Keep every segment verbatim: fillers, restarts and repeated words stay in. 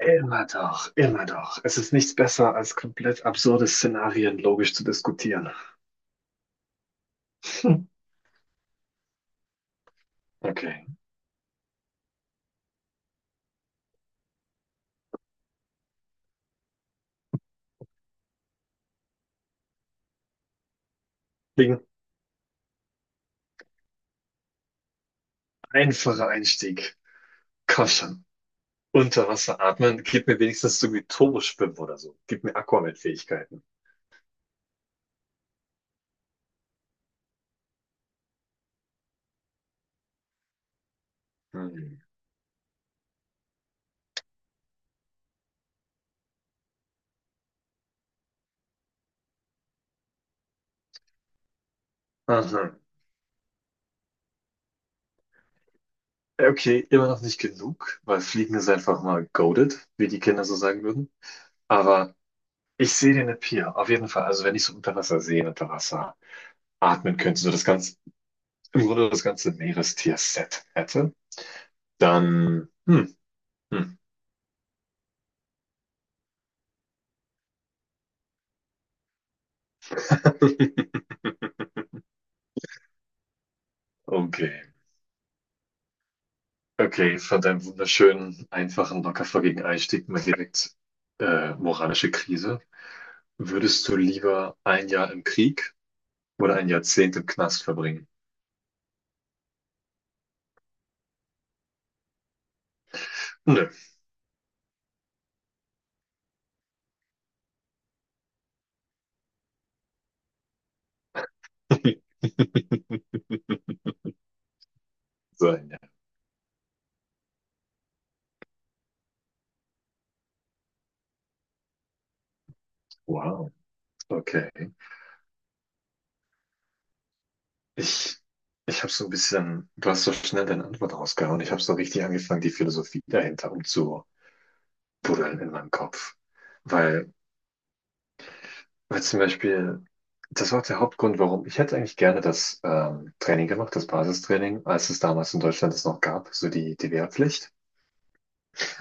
Immer doch, immer doch. Es ist nichts besser, als komplett absurde Szenarien logisch zu diskutieren. Hm. Okay. Ding, einfacher Einstieg. Komm schon. Unter Wasser atmen, gib mir wenigstens so wie Turboschwimmen oder so. Gib mir Aquaman-Fähigkeiten. Hm. Aha. Okay, immer noch nicht genug, weil Fliegen ist einfach mal goated, wie die Kinder so sagen würden. Aber ich sehe den Appeal, auf jeden Fall. Also wenn ich so unter Wasser sehen, unter Wasser atmen könnte, so das ganze, im Grunde das ganze Meerestier-Set hätte, Dann, hm, hm. Okay. Okay, von deinem wunderschönen, einfachen, locker flockigen Einstieg mal direkt äh, moralische Krise. Würdest du lieber ein Jahr im Krieg oder ein Jahrzehnt im Knast verbringen? Nö. So ein Jahr. Wow. Okay. Ich, ich habe so ein bisschen, du hast so schnell deine Antwort rausgehauen. Ich habe so richtig angefangen, die Philosophie dahinter umzubuddeln in meinem Kopf. Weil Weil zum Beispiel, das war auch der Hauptgrund, warum ich hätte eigentlich gerne das ähm, Training gemacht, das Basistraining, als es damals in Deutschland es noch gab, so die, die Wehrpflicht,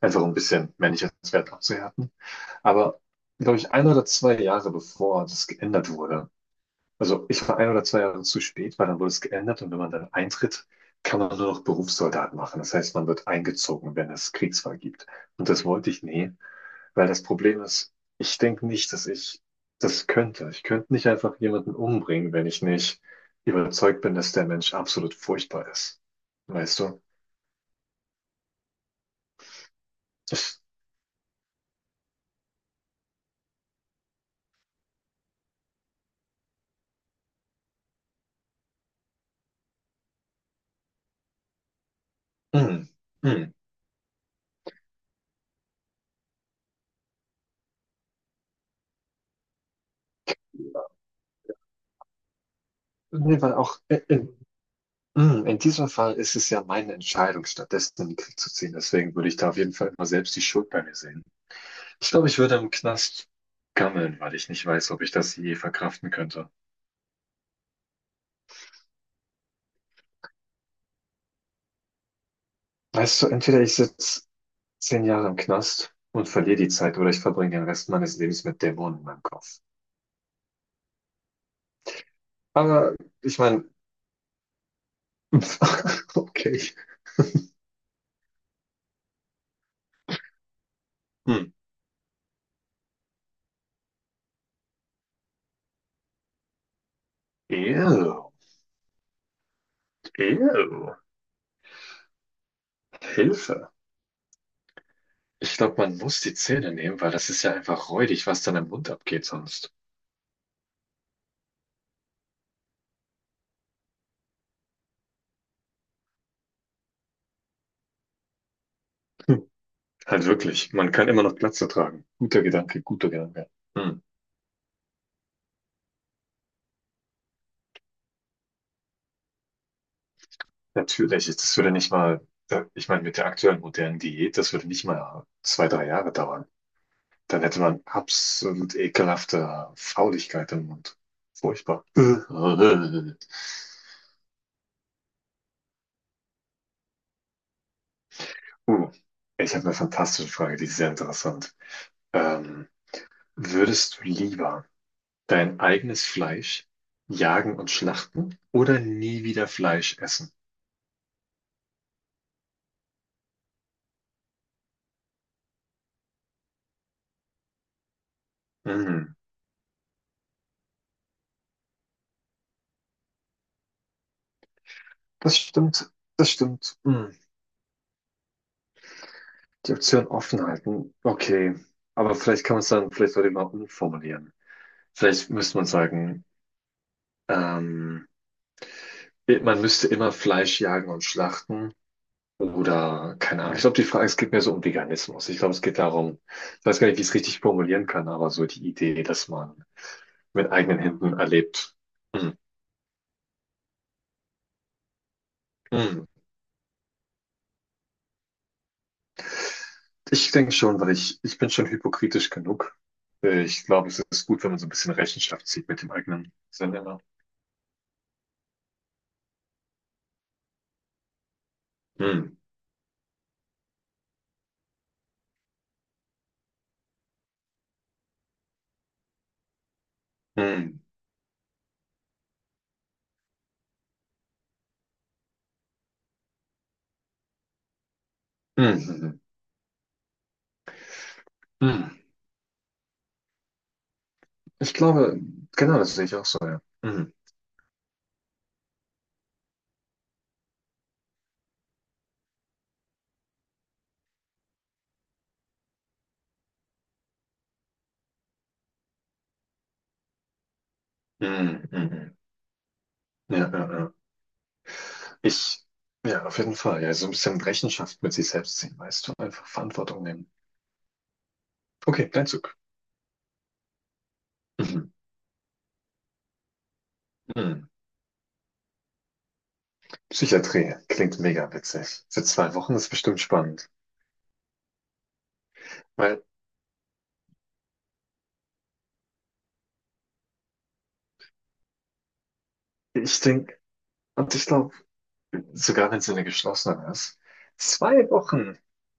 einfach um ein bisschen männliches Wert abzuhärten. Aber, glaube ich, ein oder zwei Jahre bevor das geändert wurde, also ich war ein oder zwei Jahre zu spät, weil dann wurde es geändert und wenn man dann eintritt, kann man nur noch Berufssoldat machen. Das heißt, man wird eingezogen, wenn es Kriegsfall gibt. Und das wollte ich nie. Weil das Problem ist, ich denke nicht, dass ich das könnte. Ich könnte nicht einfach jemanden umbringen, wenn ich nicht überzeugt bin, dass der Mensch absolut furchtbar ist. Weißt du? Ich, mm, mm. Nee, weil auch in, in, mm, in diesem Fall ist es ja meine Entscheidung, stattdessen in den Krieg zu ziehen. Deswegen würde ich da auf jeden Fall immer selbst die Schuld bei mir sehen. Ich glaube, ich würde im Knast gammeln, weil ich nicht weiß, ob ich das je verkraften könnte. Weißt du, entweder ich sitze zehn Jahre im Knast und verliere die Zeit oder ich verbringe den Rest meines Lebens mit Dämonen in meinem Kopf. Aber ich meine, okay. Hm. Ew, ew, Hilfe. Ich glaube, man muss die Zähne nehmen, weil das ist ja einfach räudig, was dann im Mund abgeht sonst. Hm. Halt wirklich, man kann immer noch Glatze tragen. Guter Gedanke, guter Gedanke. Hm. Natürlich, das würde nicht mal, äh, ich meine, mit der aktuellen modernen Diät, das würde nicht mal zwei, drei Jahre dauern. Dann hätte man absolut ekelhafte Fauligkeit im Mund. Furchtbar. Uh, ich habe eine fantastische Frage, die ist sehr interessant. Ähm, würdest du lieber dein eigenes Fleisch jagen und schlachten oder nie wieder Fleisch essen? Mhm. Das stimmt, das stimmt. Mhm. Die Option offen halten, okay. Aber vielleicht kann man es dann, vielleicht sollte man umformulieren. Vielleicht müsste man sagen, ähm, man müsste immer Fleisch jagen und schlachten. Oder, keine Ahnung. Ich glaube, die Frage, es geht mehr so um Veganismus. Ich glaube, es geht darum, ich weiß gar nicht, wie ich es richtig formulieren kann, aber so die Idee, dass man mit eigenen Händen erlebt. Hm, hm. Ich denke schon, weil ich, ich bin schon hypokritisch genug. Äh, Ich glaube, es ist gut, wenn man so ein bisschen Rechenschaft zieht mit dem eigenen Sinn immer. Hm, hm, hm, hm, hm, hm. Ich glaube, genau, das sehe ich auch so, ja. Hm, hm, hm, hm, hm. Ja, ja, ja. Ich, ja, auf jeden Fall. Ja, so ein bisschen Rechenschaft mit sich selbst ziehen, weißt du? Einfach Verantwortung nehmen. Okay, dein Zug. Mhm. Mhm. Psychiatrie klingt mega witzig. Für zwei Wochen ist bestimmt spannend. Weil ich denke, und ich glaube, sogar wenn es eine geschlossene ist, zwei Wochen.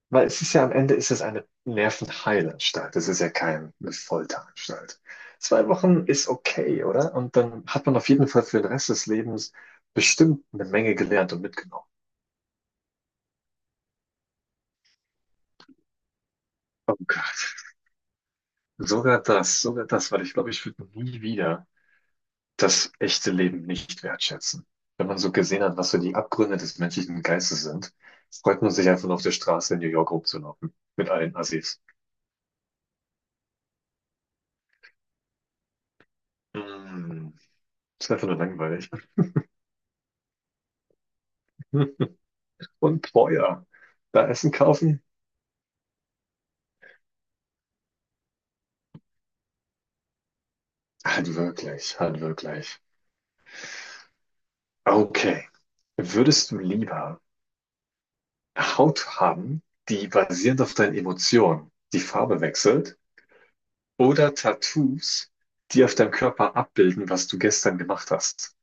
Weil es ist ja am Ende ist es eine Nervenheilanstalt. Es ist ja keine Folteranstalt. Zwei Wochen ist okay, oder? Und dann hat man auf jeden Fall für den Rest des Lebens bestimmt eine Menge gelernt und mitgenommen. Sogar das, sogar das, weil ich glaube, ich würde nie wieder das echte Leben nicht wertschätzen. Wenn man so gesehen hat, was so die Abgründe des menschlichen Geistes sind, freut man sich einfach nur auf der Straße in New York rumzulaufen. Mit allen Assis. Mm, ist einfach nur langweilig. Und teuer. Da Essen kaufen? Halt wirklich, halt wirklich. Okay. Würdest du lieber Haut haben, die basierend auf deinen Emotionen die Farbe wechselt? Oder Tattoos, die auf deinem Körper abbilden, was du gestern gemacht hast.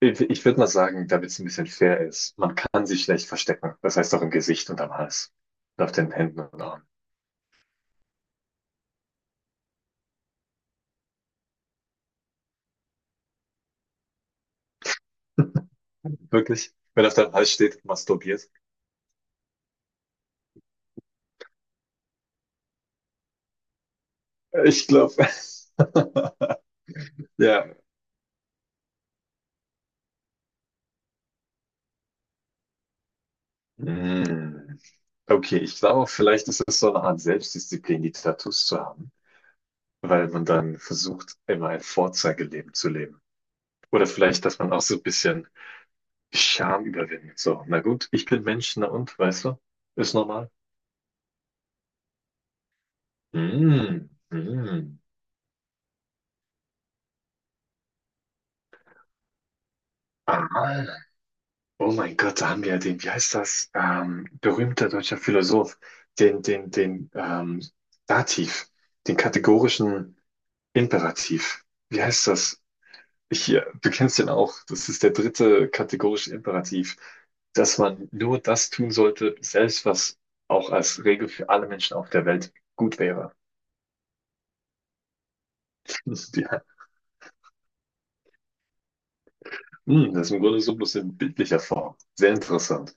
Ich, ich würde mal sagen, damit es ein bisschen fair ist, man kann sich schlecht verstecken. Das heißt auch im Gesicht und am Hals. Und auf den Händen und Armen. Wirklich? Wenn auf deinem Hals steht, masturbiert. Ich glaube, ja. Hm. Okay, ich glaube, vielleicht ist es so eine Art Selbstdisziplin, die Tattoos zu haben, weil man dann versucht, immer ein Vorzeigeleben zu leben. Oder vielleicht, dass man auch so ein bisschen Scham überwinden. So, na gut, ich bin Mensch, na und, weißt du? Ist normal. Mm, mm. Ah, oh mein Gott, da haben wir ja den, wie heißt das? Ähm, berühmter deutscher Philosoph, den, den, den ähm, Dativ, den kategorischen Imperativ. Wie heißt das? Hier, du kennst den auch. Das ist der dritte kategorische Imperativ, dass man nur das tun sollte, selbst was auch als Regel für alle Menschen auf der Welt gut wäre. Die Hm, das ist im Grunde so bloß in bildlicher Form. Sehr interessant.